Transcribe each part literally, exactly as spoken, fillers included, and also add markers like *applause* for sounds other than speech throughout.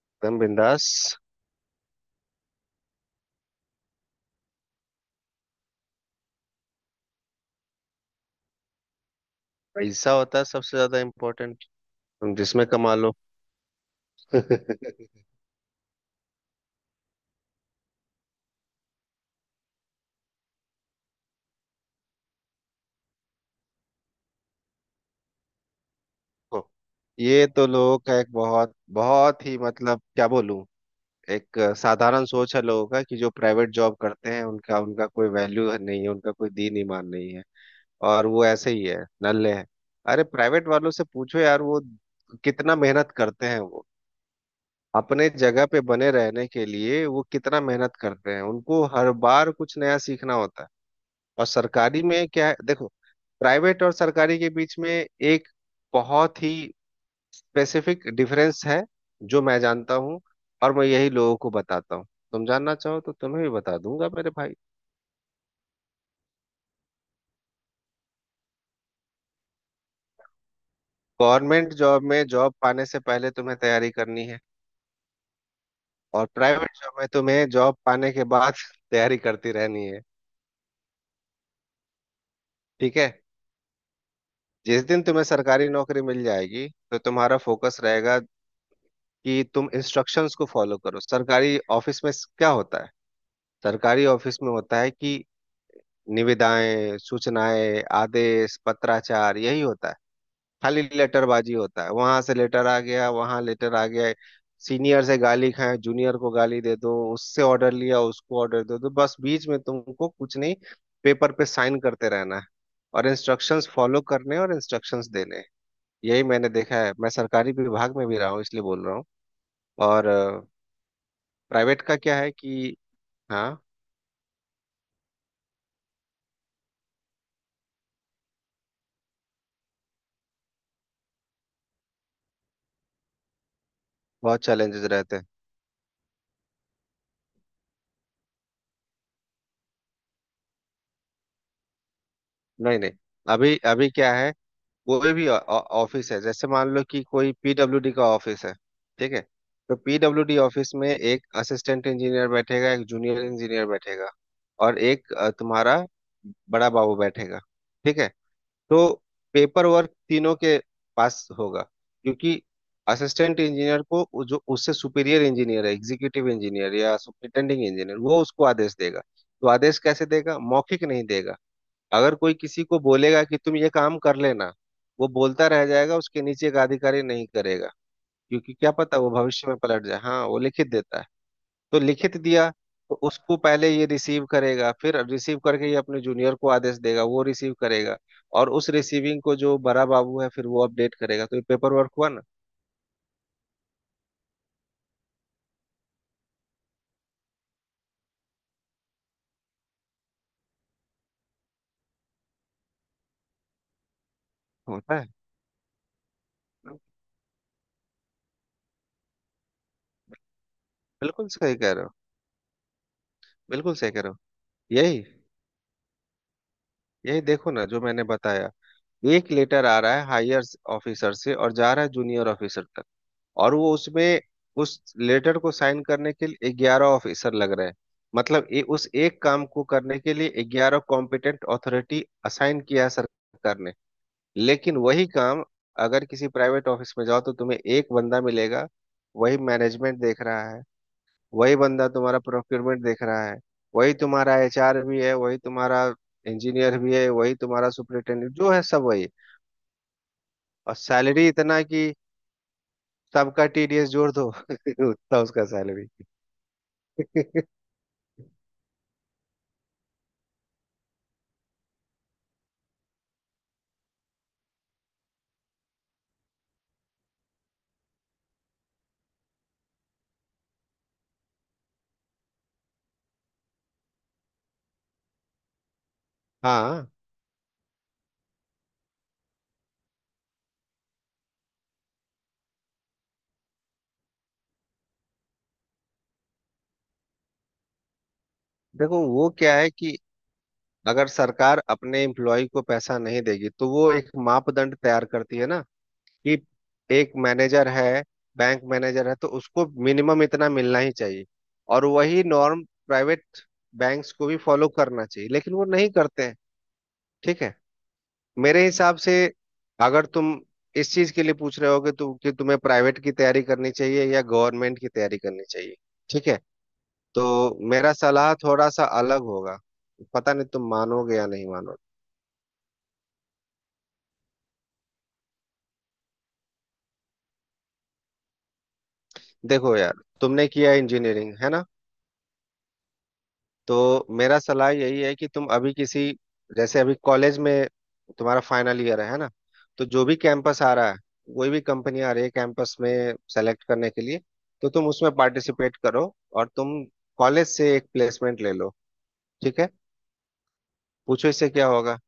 एकदम बिंदास। पैसा होता है सबसे ज्यादा इम्पोर्टेंट। तुम जिसमें कमा लो। *laughs* देखो, ये तो लोगों का एक बहुत बहुत ही मतलब क्या बोलूं, एक साधारण सोच है लोगों का कि जो प्राइवेट जॉब करते हैं उनका उनका कोई वैल्यू नहीं है, उनका कोई दीन ईमान नहीं है और वो ऐसे ही है, नल्ले हैं। अरे प्राइवेट वालों से पूछो यार, वो कितना मेहनत करते हैं, वो अपने जगह पे बने रहने के लिए वो कितना मेहनत करते हैं, उनको हर बार कुछ नया सीखना होता है। और सरकारी में क्या है, देखो, प्राइवेट और सरकारी के बीच में एक बहुत ही स्पेसिफिक डिफरेंस है जो मैं जानता हूँ और मैं यही लोगों को बताता हूँ। तुम जानना चाहो तो तुम्हें भी बता दूंगा मेरे भाई। गवर्नमेंट जॉब में जॉब पाने से पहले तुम्हें तैयारी करनी है, और प्राइवेट जॉब में तुम्हें जॉब पाने के बाद *laughs* तैयारी करती रहनी है। ठीक है। जिस दिन तुम्हें सरकारी नौकरी मिल जाएगी तो तुम्हारा फोकस रहेगा कि तुम इंस्ट्रक्शंस को फॉलो करो। सरकारी ऑफिस में क्या होता है? सरकारी ऑफिस में होता है कि निविदाएं, सूचनाएं, आदेश, पत्राचार, यही होता है। खाली लेटरबाजी होता है। वहां से लेटर आ गया, वहां लेटर आ गया। सीनियर से गाली खाए, जूनियर को गाली दे दो, उससे ऑर्डर लिया, उसको ऑर्डर दे दो, बस बीच में तुमको कुछ नहीं। पेपर पे साइन करते रहना है और इंस्ट्रक्शंस फॉलो करने और इंस्ट्रक्शंस देने हैं। यही मैंने देखा है, मैं सरकारी विभाग में भी रहा हूँ इसलिए बोल रहा हूँ। और प्राइवेट का क्या है कि हाँ, बहुत चैलेंजेस रहते हैं। नहीं नहीं, अभी अभी क्या है, कोई भी ऑ- ऑ- ऑफिस है, जैसे मान लो कि कोई पी डब्ल्यू डी का ऑफिस है। ठीक है। तो पी डब्ल्यू डी ऑफिस में एक असिस्टेंट इंजीनियर बैठेगा, एक जूनियर इंजीनियर बैठेगा और एक अ, तुम्हारा बड़ा बाबू बैठेगा। ठीक है। तो पेपर वर्क तीनों के पास होगा, क्योंकि असिस्टेंट इंजीनियर को वो जो उससे सुपीरियर इंजीनियर है, एग्जीक्यूटिव इंजीनियर या सुपरिटेंडिंग इंजीनियर, वो उसको आदेश देगा। तो आदेश कैसे देगा? मौखिक नहीं देगा। अगर कोई किसी को बोलेगा कि तुम ये काम कर लेना, वो बोलता रह जाएगा, उसके नीचे का अधिकारी नहीं करेगा, क्योंकि क्या पता वो भविष्य में पलट जाए। हाँ, वो लिखित देता है। तो लिखित दिया तो उसको पहले ये रिसीव करेगा, फिर रिसीव करके ये अपने जूनियर को आदेश देगा, वो रिसीव करेगा, और उस रिसीविंग को जो बड़ा बाबू है फिर वो अपडेट करेगा। तो ये पेपर वर्क हुआ ना। होता है। बिल्कुल सही कह रहे हो। बिल्कुल सही कह रहे हो। यही यही देखो ना, जो मैंने बताया, एक लेटर आ रहा है हायर ऑफिसर से और जा रहा है जूनियर ऑफिसर तक, और वो उसमें उस लेटर को साइन करने के लिए ग्यारह ऑफिसर लग रहे हैं। मतलब ये उस एक काम को करने के लिए ग्यारह कॉम्पिटेंट अथॉरिटी असाइन किया है सरकार ने। लेकिन वही काम अगर किसी प्राइवेट ऑफिस में जाओ तो तुम्हें एक बंदा मिलेगा, वही मैनेजमेंट देख रहा है, वही बंदा तुम्हारा प्रोक्योरमेंट देख रहा है, वही तुम्हारा एच आर भी है, वही तुम्हारा इंजीनियर भी है, वही तुम्हारा सुपरिटेंडेंट जो है, सब वही। और सैलरी इतना कि सबका टी डी एस जोड़ दो *laughs* उतना उसका सैलरी। *laughs* हाँ। देखो, वो क्या है कि अगर सरकार अपने एम्प्लॉय को पैसा नहीं देगी तो वो एक मापदंड तैयार करती है ना, कि एक मैनेजर है, बैंक मैनेजर है, तो उसको मिनिमम इतना मिलना ही चाहिए। और वही नॉर्म प्राइवेट बैंक्स को भी फॉलो करना चाहिए, लेकिन वो नहीं करते हैं। ठीक है। मेरे हिसाब से, अगर तुम इस चीज के लिए पूछ रहे हो कि, तु, कि तुम्हें प्राइवेट की तैयारी करनी चाहिए या गवर्नमेंट की तैयारी करनी चाहिए, ठीक है, तो मेरा सलाह थोड़ा सा अलग होगा। पता नहीं तुम मानोगे या नहीं मानोगे। देखो यार, तुमने किया इंजीनियरिंग है ना, तो मेरा सलाह यही है कि तुम अभी किसी, जैसे अभी कॉलेज में तुम्हारा फाइनल ईयर है ना, तो जो भी कैंपस आ रहा है, कोई भी कंपनी आ रही है कैंपस में सेलेक्ट करने के लिए, तो तुम उसमें पार्टिसिपेट करो और तुम कॉलेज से एक प्लेसमेंट ले लो। ठीक है। पूछो इससे क्या होगा।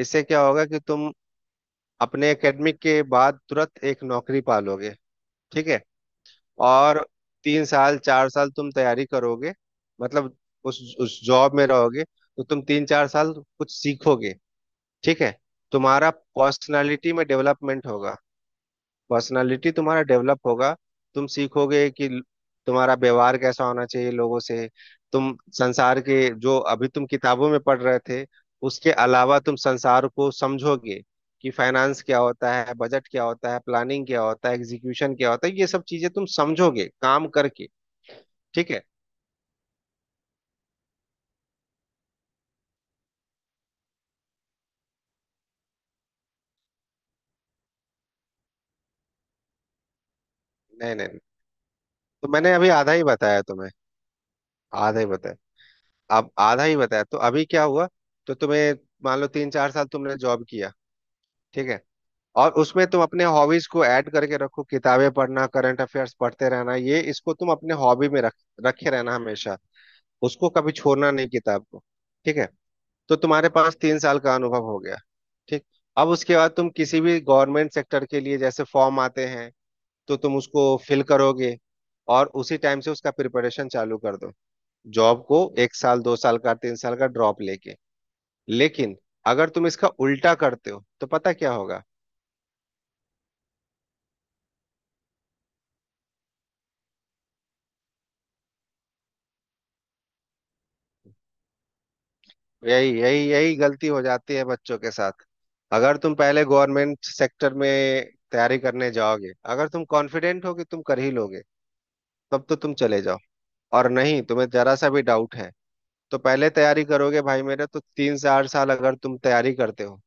इससे क्या होगा कि तुम अपने एकेडमिक के बाद तुरंत एक नौकरी पा लोगे। ठीक है। और तीन साल चार साल तुम तैयारी करोगे, मतलब उस उस जॉब में रहोगे तो तुम तीन चार साल कुछ सीखोगे। ठीक है। तुम्हारा पर्सनालिटी में डेवलपमेंट होगा, पर्सनालिटी तुम्हारा डेवलप होगा। तुम सीखोगे कि ल- तुम्हारा व्यवहार कैसा होना चाहिए लोगों से। तुम संसार के, जो अभी तुम किताबों में पढ़ रहे थे उसके अलावा, तुम संसार को समझोगे कि फाइनेंस क्या होता है, बजट क्या होता है, प्लानिंग क्या होता है, एग्जीक्यूशन क्या होता है, ये सब चीजें तुम समझोगे काम करके। ठीक है। नहीं नहीं नहीं। तो मैंने अभी आधा ही बताया तुम्हें। आधा ही बताया। अब आधा ही बताया तो अभी क्या हुआ, तो तुम्हें, मान लो तीन चार साल तुमने जॉब किया, ठीक है, और उसमें तुम अपने हॉबीज को ऐड करके रखो, किताबें पढ़ना, करंट अफेयर्स पढ़ते रहना, ये इसको तुम अपने हॉबी में रख रखे रहना हमेशा। उसको कभी छोड़ना नहीं, किताब को। ठीक है। तो तुम्हारे पास तीन साल का अनुभव हो गया। ठीक। अब उसके बाद तुम किसी भी गवर्नमेंट सेक्टर के लिए, जैसे फॉर्म आते हैं, तो तुम उसको फिल करोगे और उसी टाइम से उसका प्रिपरेशन चालू कर दो, जॉब को एक साल दो साल का तीन साल का ड्रॉप लेके। लेकिन अगर तुम इसका उल्टा करते हो तो पता क्या होगा? यही यही यही गलती हो जाती है बच्चों के साथ। अगर तुम पहले गवर्नमेंट सेक्टर में तैयारी करने जाओगे, अगर तुम कॉन्फिडेंट हो कि तुम कर ही लोगे, तब तो तुम चले जाओ, और नहीं, तुम्हें जरा सा भी डाउट है तो पहले तैयारी करोगे भाई मेरे तो तीन से आठ साल, अगर तुम तैयारी करते हो,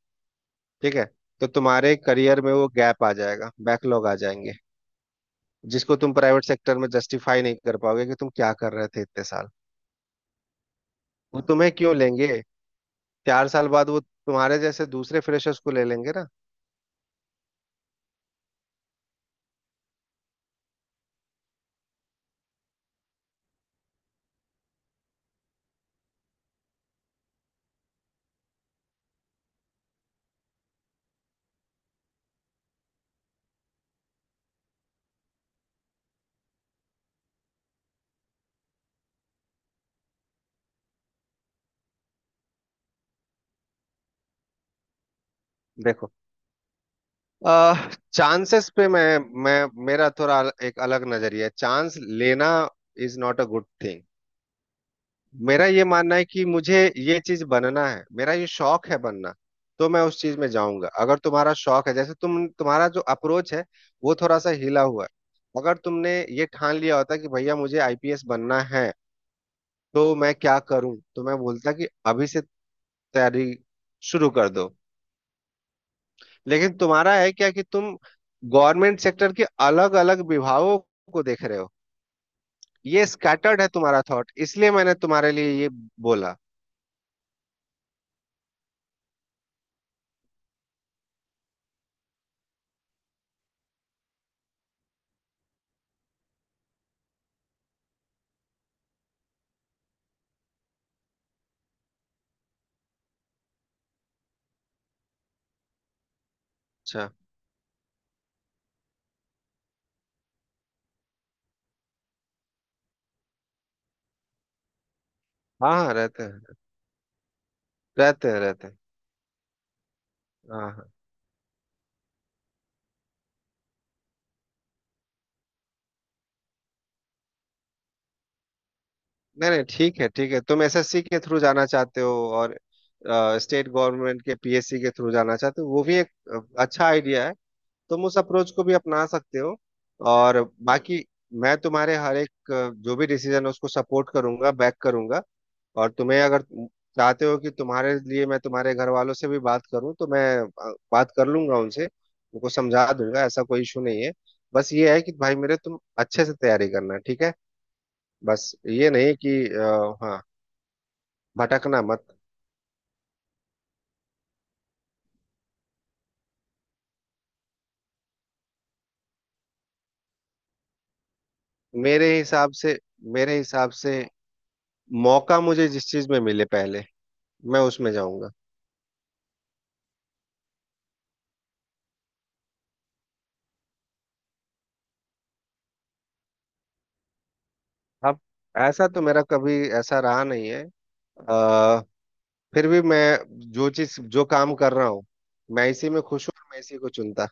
ठीक है, तो तुम्हारे करियर में वो गैप आ जाएगा, बैकलॉग आ जाएंगे, जिसको तुम प्राइवेट सेक्टर में जस्टिफाई नहीं कर पाओगे कि तुम क्या कर रहे थे इतने साल। वो तुम्हें क्यों लेंगे? चार साल बाद वो तुम्हारे जैसे दूसरे फ्रेशर्स को ले लेंगे ना। देखो, चांसेस पे मैं मैं, मेरा थोड़ा अल- एक अलग नजरिया है। चांस लेना is not a good thing. मेरा ये मानना है कि मुझे ये चीज बनना है, मेरा ये शौक है बनना, तो मैं उस चीज में जाऊंगा। अगर तुम्हारा शौक है, जैसे तुम तुम्हारा जो अप्रोच है वो थोड़ा सा हिला हुआ है। अगर तुमने ये ठान लिया होता कि भैया मुझे आई पी एस बनना है, तो मैं क्या करूं, तो मैं बोलता कि अभी से तैयारी शुरू कर दो। लेकिन तुम्हारा है क्या, कि तुम गवर्नमेंट सेक्टर के अलग अलग विभागों को देख रहे हो। ये स्कैटर्ड है तुम्हारा थॉट, इसलिए मैंने तुम्हारे लिए ये बोला। अच्छा। हाँ, हाँ, रहते हैं। रहते हैं रहते हैं। हाँ, हाँ। नहीं नहीं, ठीक है ठीक है, तुम एस एस सी के थ्रू जाना चाहते हो और स्टेट गवर्नमेंट के पी एस सी के थ्रू जाना चाहते हो, वो भी एक अ, अच्छा आइडिया है। तुम उस अप्रोच को भी अपना सकते हो। और बाकी, मैं तुम्हारे हर एक अ, जो भी डिसीजन है उसको सपोर्ट करूंगा, बैक करूंगा। और तुम्हें, अगर चाहते हो कि तुम्हारे लिए मैं तुम्हारे घर वालों से भी बात करूं, तो मैं अ, बात कर लूंगा उनसे, उनको समझा दूंगा, ऐसा कोई इशू नहीं है। बस ये है कि भाई मेरे, तुम अच्छे से तैयारी करना, ठीक है, बस ये नहीं कि अ, हाँ, भटकना मत। मेरे हिसाब से, मेरे हिसाब से, मौका मुझे जिस चीज में मिले पहले, मैं उसमें जाऊंगा। अब ऐसा तो मेरा कभी ऐसा रहा नहीं है। अ, फिर भी मैं, जो चीज, जो काम कर रहा हूँ, मैं इसी में खुश हूँ और मैं इसी को चुनता।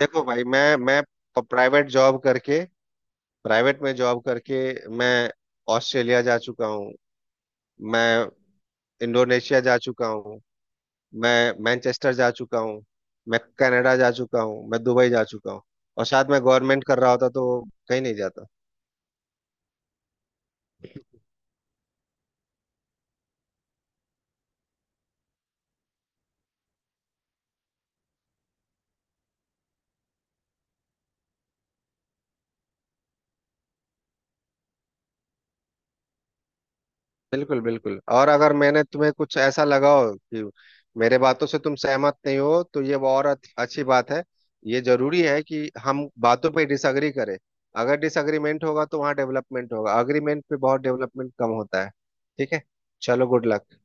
देखो भाई, मैं मैं प्राइवेट जॉब करके प्राइवेट में जॉब करके मैं ऑस्ट्रेलिया जा चुका हूँ, मैं इंडोनेशिया जा चुका हूँ, मैं मैनचेस्टर जा चुका हूँ, मैं कनाडा जा चुका हूँ, मैं दुबई जा चुका हूँ। और साथ में गवर्नमेंट कर रहा होता तो कहीं नहीं जाता। बिल्कुल बिल्कुल। और अगर मैंने, तुम्हें कुछ ऐसा लगा हो कि मेरे बातों से तुम सहमत नहीं हो, तो ये और अच्छ- अच्छी बात है। ये जरूरी है कि हम बातों पे डिसअग्री करें। अगर डिसअग्रीमेंट होगा तो वहाँ डेवलपमेंट होगा, अग्रीमेंट पे बहुत डेवलपमेंट कम होता है। ठीक है। चलो, गुड लक।